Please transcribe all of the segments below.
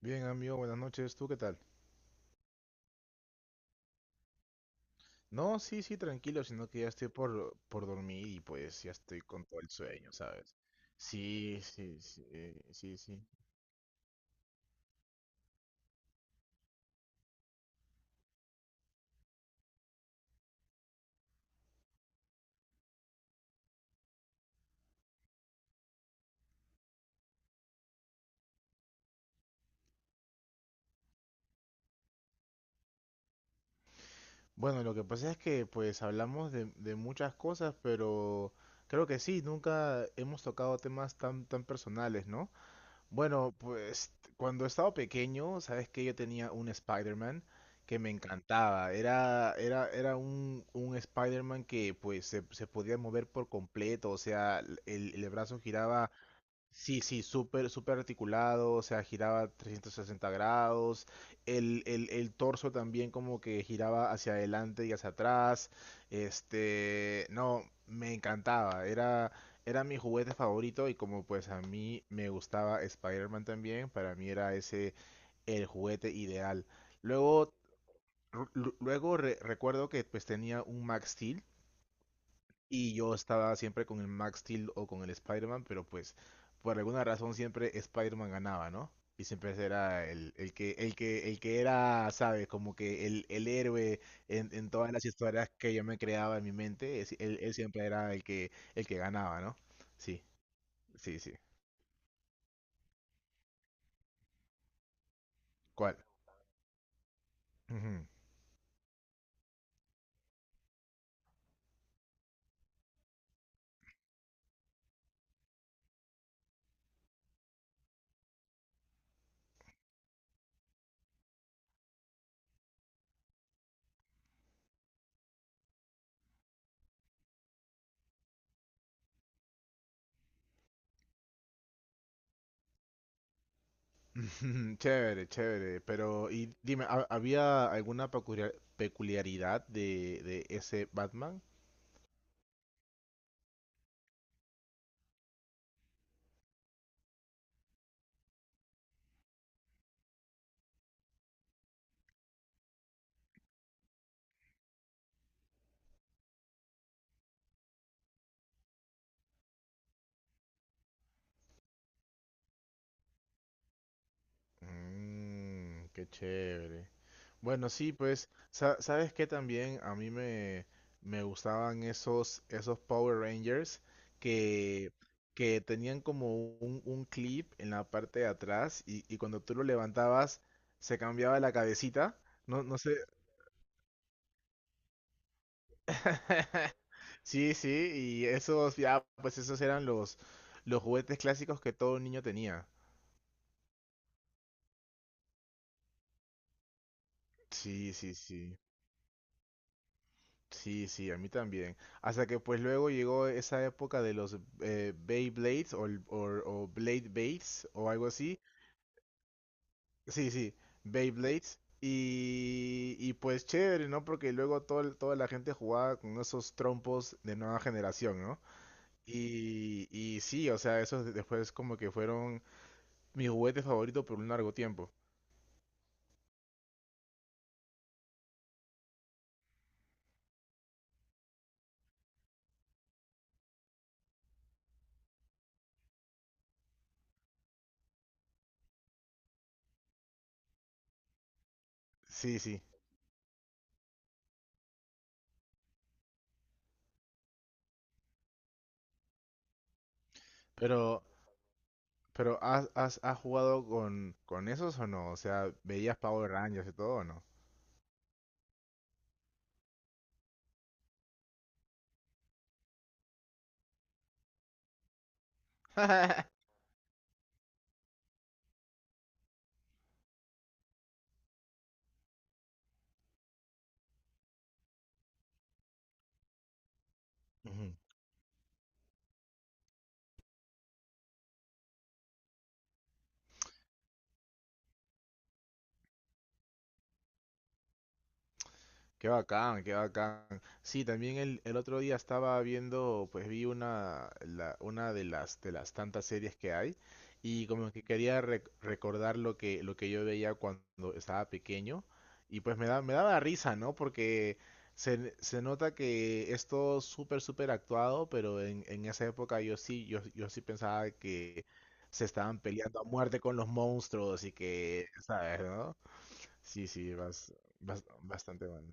Bien, amigo, buenas noches. ¿Tú qué tal? No, sí, sí, tranquilo, sino que ya estoy por dormir y pues ya estoy con todo el sueño, ¿sabes? Sí, sí, sí, sí, sí. Bueno, lo que pasa es que pues hablamos de muchas cosas, pero creo que sí, nunca hemos tocado temas tan, tan personales, ¿no? Bueno, pues cuando estaba pequeño, sabes que yo tenía un Spider-Man que me encantaba. Era un Spider-Man que pues se podía mover por completo, o sea, el brazo giraba. Sí, sí, súper, súper articulado, o sea, giraba 360 grados, el torso también como que giraba hacia adelante y hacia atrás, no, me encantaba, era, era mi juguete favorito y como pues a mí me gustaba Spider-Man también, para mí era ese el juguete ideal. Luego, recuerdo que pues tenía un Max y yo estaba siempre con el Max Steel o con el Spider-Man, pero pues por alguna razón siempre Spider-Man ganaba, ¿no? Y siempre era el que era, ¿sabes? Como que el héroe en todas las historias que yo me creaba en mi mente, él, él siempre era el que ganaba, ¿no? Sí, sí, sí. ¿Cuál? Ujú. Chévere, chévere. Pero, y dime, ¿había alguna peculiaridad de ese Batman? Mmm, qué chévere. Bueno, sí, pues, ¿sabes qué también? Me gustaban esos, esos Power Rangers que, que tenían como un clip en la parte de atrás y cuando tú lo levantabas se cambiaba la cabecita. No, no sé. Sí, sí, y esos, ya, pues esos eran los juguetes clásicos que todo niño tenía. Sí, sí, sí. Sí, sí, a mí también. Hasta que pues luego llegó esa época de los Beyblades o o Blade Bates o algo así. Sí, sí, Beyblades. Y pues chévere, ¿no? Porque luego toda la gente jugaba con esos trompos de nueva generación, ¿no? Y sí, o sea, después como que fueron mi juguete favorito por un largo tiempo. Sí, sí. Pero, pero ¿has jugado con esos o no? O sea, ¿veías Power Rangers y todo o no? Ujú. Qué bacán, qué bacán. Sí, también el otro día estaba viendo, pues vi una de de las tantas series que hay y como que quería recordar lo que yo veía cuando estaba pequeño y pues me daba risa, ¿no? Porque se nota que es todo súper, súper actuado, pero en esa época yo sí pensaba que se estaban peleando a muerte con los monstruos y que, ¿sabes, no? Sí, sí, bastante bueno.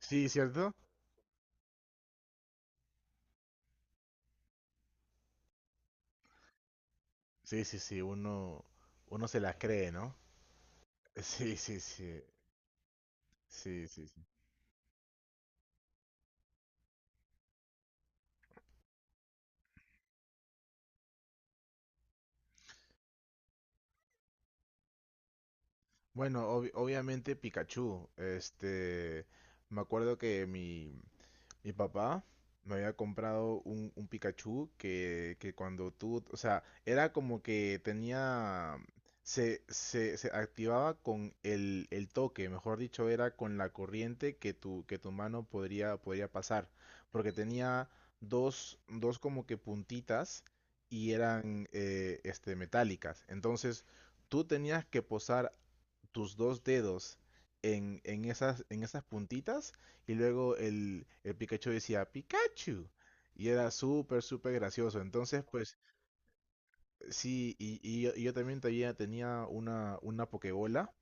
Sí, ¿cierto? Sí, sí, sí, uno se la cree, ¿no? Sí, sí, sí, sí, sí, sí. Bueno, obviamente Pikachu, me acuerdo mi papá me había comprado un Pikachu que cuando tú, o sea, era como que tenía, se activaba con el toque, mejor dicho, era con la corriente que tu mano podría pasar, porque tenía dos como que puntitas y eran metálicas. Entonces, tú tenías que posar tus dos dedos en esas puntitas y luego el Pikachu decía Pikachu. Y era súper, súper gracioso. Entonces, pues sí, y yo también tenía, tenía una Pokébola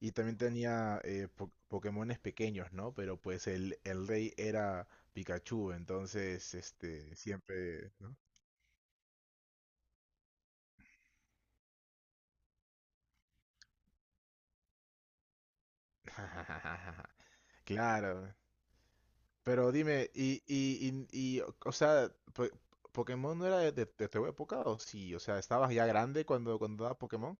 y también tenía Pokémones pequeños, ¿no? Pero pues el rey era Pikachu, entonces, siempre, ¿no? Claro, pero dime, ¿Pokémon no era de tu época o sí? O sea, ¿estabas ya grande cuando, cuando daba Pokémon?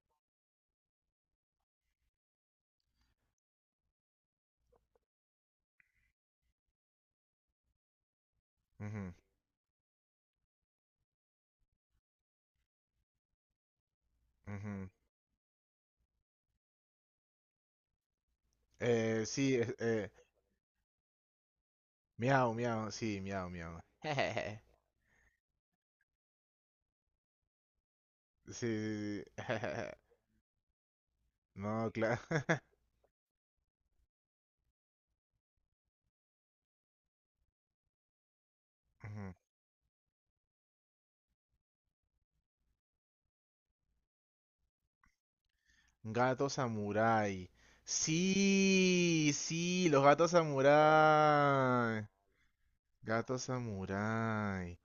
Ujú, ujú. Sí, miau, miau, sí, miau, miau. Sí, sí, sí. No, claro. Ujú. Gato samurái. Sí, sí, los gatos samurái. Gato samurái.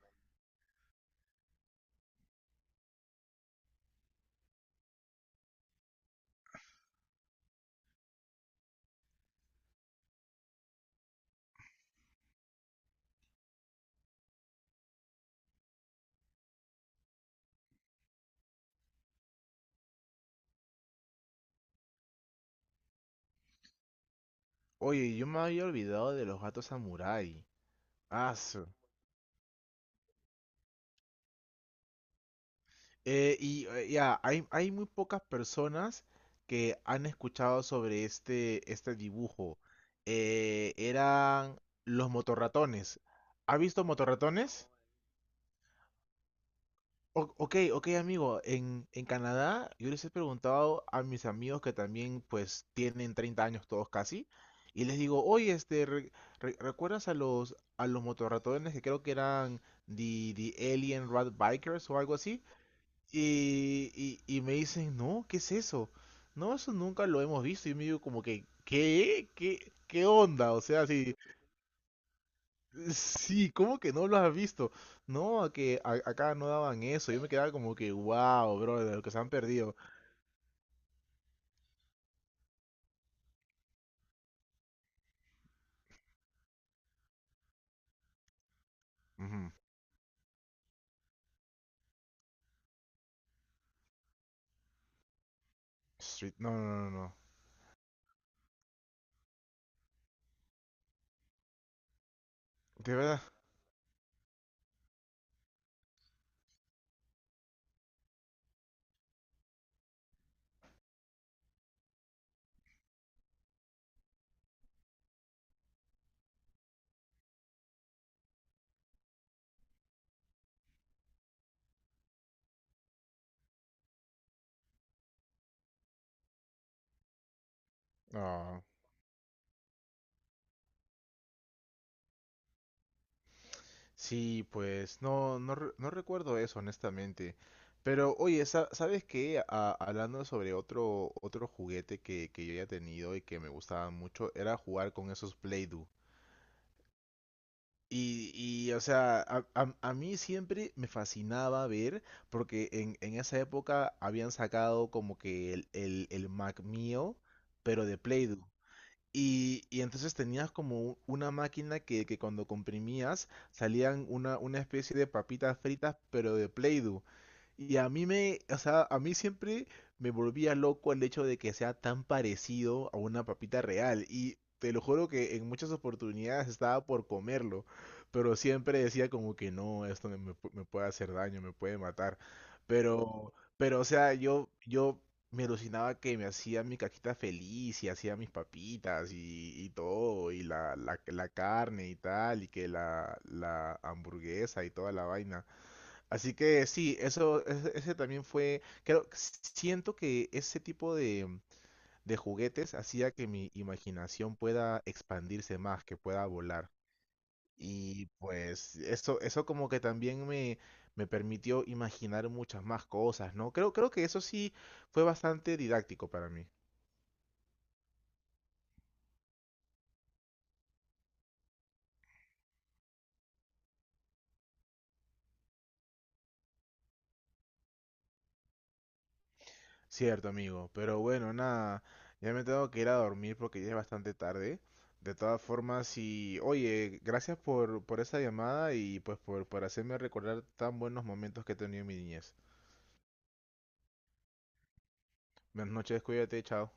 Oye, yo me había olvidado de los gatos samurái. Ah, eh, y ya, hay muy pocas personas que han escuchado sobre este, este dibujo. Eran los motorratones. ¿Has visto motorratones? Ok, ok, amigo. En Canadá, yo les he preguntado a mis amigos que también, pues, tienen 30 años todos casi. Y les digo, oye, ¿recuerdas a los motorratones que creo que eran the Alien Rat Bikers o algo así? Y, y me dicen, no, ¿qué es eso? No, eso nunca lo hemos visto. Y me digo como que, ¿qué? ¿Qué, qué onda? O sea, sí, sí, ¿cómo que no lo has visto? No, que acá no daban eso. Yo me quedaba como que, wow, bro, de lo que se han perdido. Ujú. Street, no, no, no, no. ¿De verdad? No. Sí, pues no, no, no recuerdo eso, honestamente. Pero oye, ¿sabes qué? Hablando sobre otro, otro juguete que yo ya he tenido y que me gustaba mucho, era jugar con esos Play-Doh. Y, o sea, a mí siempre me fascinaba ver, porque en esa época habían sacado como que el Mac mío, pero de Play-Doh. Y entonces tenías como una máquina que cuando comprimías salían una especie de papitas fritas, pero de Play-Doh. Y a mí siempre me volvía loco el hecho de que sea tan parecido a una papita real. Y te lo juro que en muchas oportunidades estaba por comerlo, pero siempre decía como que no, esto me, me pu- me puede hacer daño, me puede matar. Pero, o sea, yo me alucinaba que me hacía mi caquita feliz y hacía mis papitas y todo, y la carne y tal, y que la hamburguesa y toda la vaina. Así que sí, ese también fue, creo, siento que ese tipo de juguetes hacía que mi imaginación pueda expandirse más, que pueda volar. Y pues eso como que también me permitió imaginar muchas más cosas, ¿no? Creo, creo que eso sí fue bastante didáctico para mí. Cierto, amigo. Pero bueno, nada. Ya me tengo que ir a dormir porque ya es bastante tarde. De todas formas, y oye, gracias por esa llamada y pues por hacerme recordar tan buenos momentos que he tenido en mi niñez. Buenas noches, cuídate, chao.